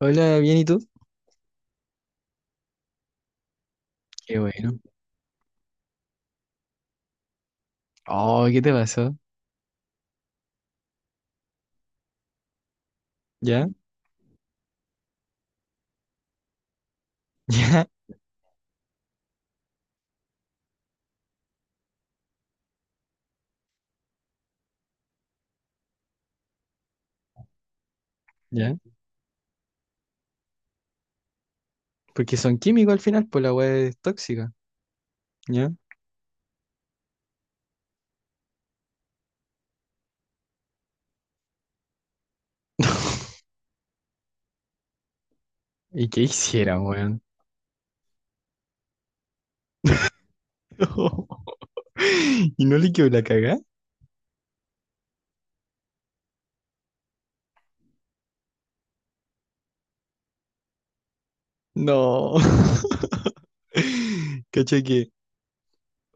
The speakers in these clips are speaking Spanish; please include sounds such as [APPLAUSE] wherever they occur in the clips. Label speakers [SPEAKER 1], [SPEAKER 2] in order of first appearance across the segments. [SPEAKER 1] Hola, bien, ¿y tú? Qué bueno. Oh, ¿qué te pasó? ¿Ya? [LAUGHS] ¿Ya? ¿Ya? Porque son químicos al final, pues la weá es tóxica. ¿Ya? [LAUGHS] ¿Y qué hicieron, weón? [LAUGHS] ¿Y no le quedó la cagá? No. [LAUGHS] Cacha que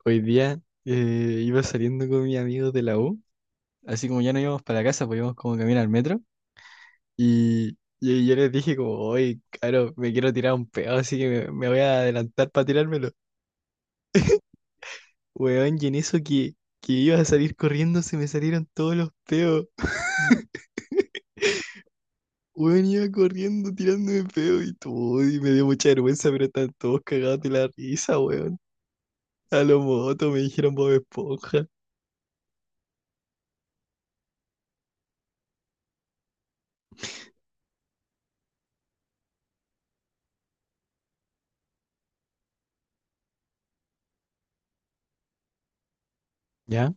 [SPEAKER 1] hoy día iba saliendo con mis amigos de la U, así como ya no íbamos para la casa, pues íbamos como caminar al metro, y yo les dije como, oye, claro, me quiero tirar un pedo, así que me voy a adelantar para tirármelo. Weón, y en eso que iba a salir corriendo se me salieron todos los peos. Weón, iba corriendo tirándome peos y todo, y me dio mucha vergüenza, pero están todos cagados de la risa, weón. A lo moto me dijeron Bob Esponja. ¿Ya?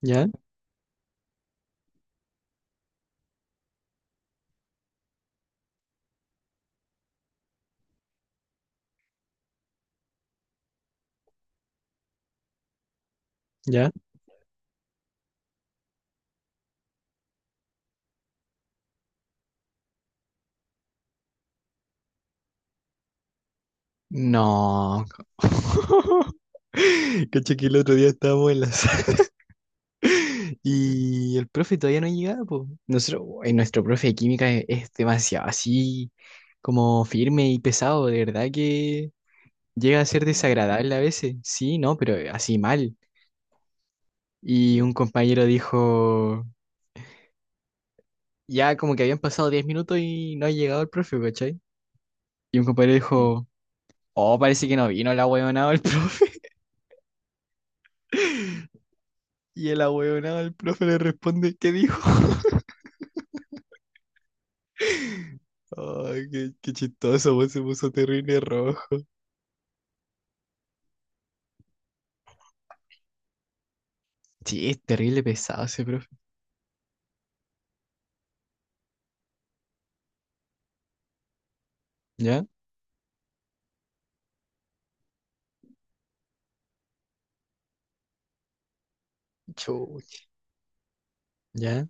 [SPEAKER 1] ¿Ya? ¿Ya? No. [LAUGHS] Caché que el otro día estábamos en la sala [LAUGHS] y el profe todavía no llegaba, po. Nosotros, uy, nuestro profe de química es demasiado así como firme y pesado, de verdad que llega a ser desagradable a veces, sí, no, pero así mal. Y un compañero dijo, ya como que habían pasado 10 minutos y no ha llegado el profe, ¿cachai? Y un compañero dijo, oh, parece que no vino el ahueonado el profe. [LAUGHS] Y el ahueonado el profe le responde, ¿qué dijo? [LAUGHS] Ay, qué chistoso, vos se puso terrible rojo. Sí, es terrible pesado ese profe. ¿Ya? Chuch. ¿Ya?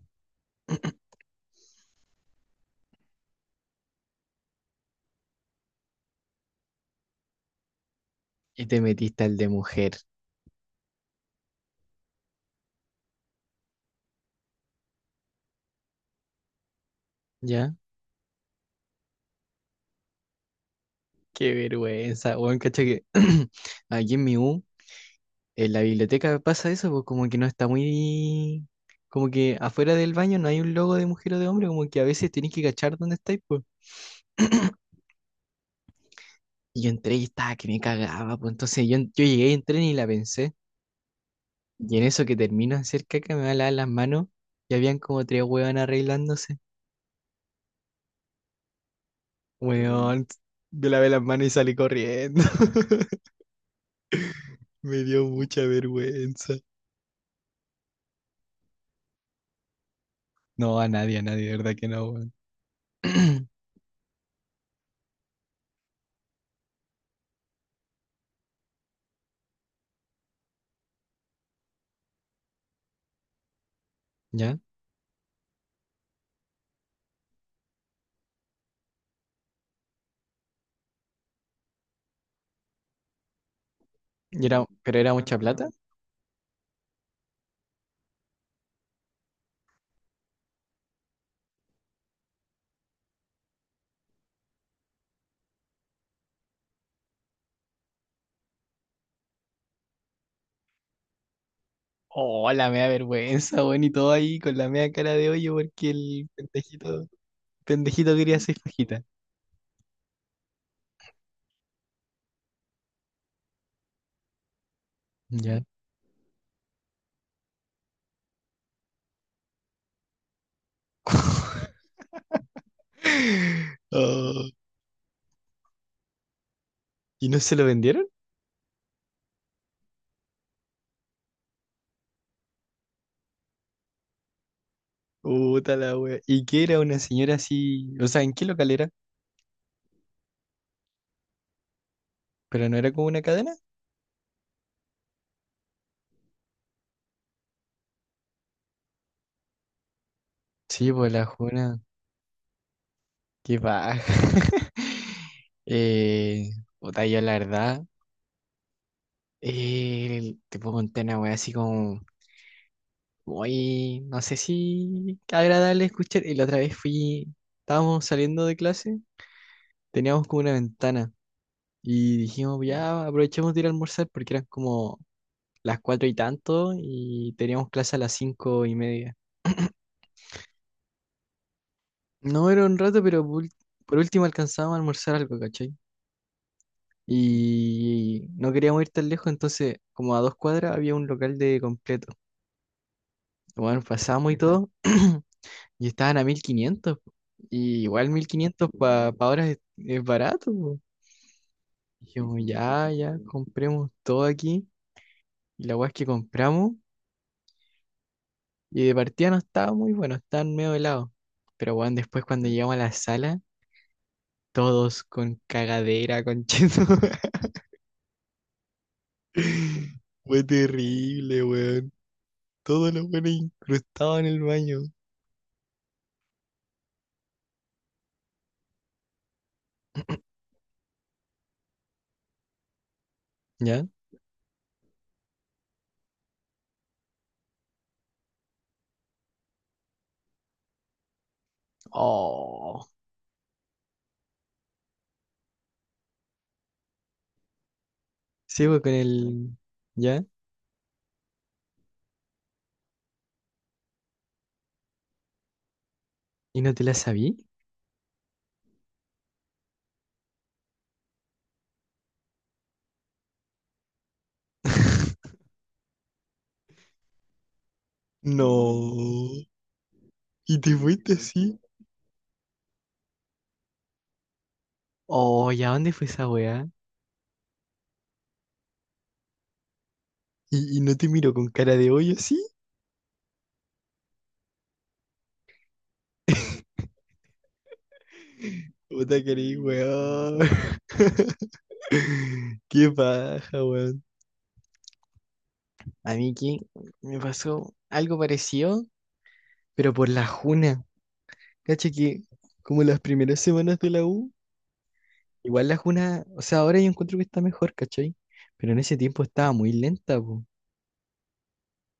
[SPEAKER 1] Y te metiste al de mujer. ¿Ya? Qué vergüenza, weón, cacha que [CLEARS THROAT] aquí en mi U. En la biblioteca pasa eso, pues como que no está muy... Como que afuera del baño no hay un logo de mujer o de hombre, como que a veces tenés que cachar dónde estáis, pues. [CLEARS THROAT] Y yo entré y estaba que me cagaba, pues entonces yo llegué y entré ni la pensé. Y en eso que termino de hacer caca me va a lavar las manos y habían como tres huevas arreglándose. Huevón, yo lavé las manos y salí corriendo. [LAUGHS] Me dio mucha vergüenza. No, a nadie, de verdad que no, weón. [CLEARS THROAT] ¿Ya? Y era, pero era mucha plata. Oh, la mea vergüenza, weón, y todo ahí con la mea cara de hoyo porque el pendejito quería seis fajitas. Ya. [GASPS] [LAUGHS] Oh, ¿y no se lo vendieron? Puta la wea. ¿Y qué era una señora así? O sea, ¿en qué local era? ¿Pero no era como una cadena? Sí, pues la juna. Qué baja. [LAUGHS] eh, Puta, yo la verdad, te puedo contar una wea así como muy, no sé si agradable escuchar. Y la otra vez fui, estábamos saliendo de clase. Teníamos como una ventana y dijimos, ya aprovechemos de ir a almorzar porque eran como las cuatro y tanto y teníamos clase a las 5:30. No era un rato, pero por último alcanzábamos a almorzar algo, ¿cachai? Y no queríamos ir tan lejos, entonces como a dos cuadras había un local de completo. Bueno, pasamos y todo [CLEARS THROAT] y estaban a 1.500 po. Y igual 1.500 para ahora es barato po. Dijimos, ya, ya, compremos todo aquí. Y la weá es que compramos. Y de partida no estaba muy bueno, estaban medio helados. Pero bueno, después cuando llegamos a la sala, todos con cagadera, con cheto. [LAUGHS] Fue terrible, weón. Todos los buenos incrustados en el baño. [CLEARS THROAT] ¿Ya? Oh. Sí, weón, con el. ¿Ya? ¿Y no te la sabí? [LAUGHS] No. ¿Y te fuiste así? Oh, ¿y a dónde fue esa weá? ¿Y no te miro con cara de hoyo así? [LAUGHS] Puta querí, weón. [LAUGHS] [LAUGHS] Qué paja, weón. A mí que me pasó algo parecido, pero por la juna. Cacha que como las primeras semanas de la U, igual la juna, o sea, ahora yo encuentro que está mejor, ¿cachai? Pero en ese tiempo estaba muy lenta, po.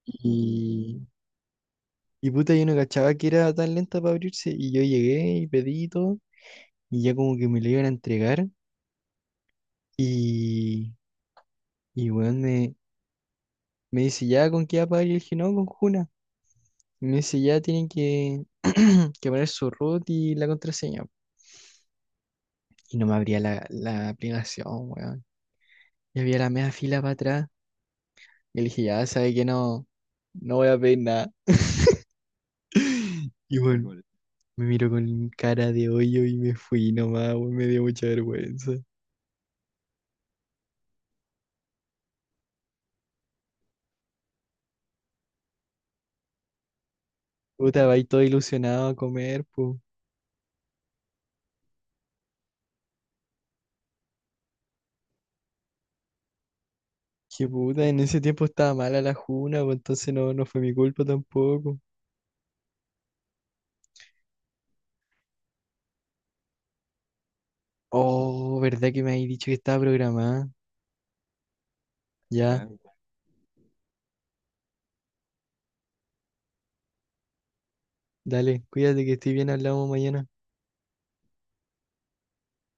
[SPEAKER 1] Y, y puta, yo no cachaba que era tan lenta para abrirse. Y yo llegué y pedí y todo, y ya como que me lo iban a entregar. Y, y weón, me dice, ¿ya con qué va a pagar? Y yo dije, no, con juna. Me dice, ya tienen que, [CLEARS THROAT] que poner su root y la contraseña. Y no me abría la aplicación, weón. Y había la media fila para atrás. Y le dije, ya, sabe que no, no voy a pedir nada. Y bueno, igual, me miró con cara de hoyo y me fui nomás, weón. Me dio mucha vergüenza. Puta, va ahí todo ilusionado a comer, pues. Qué puta, en ese tiempo estaba mala la juna, pues entonces no, no fue mi culpa tampoco. Oh, ¿verdad que me habéis dicho que estaba programada? Ya, ya, dale, cuídate que estoy bien, hablamos mañana.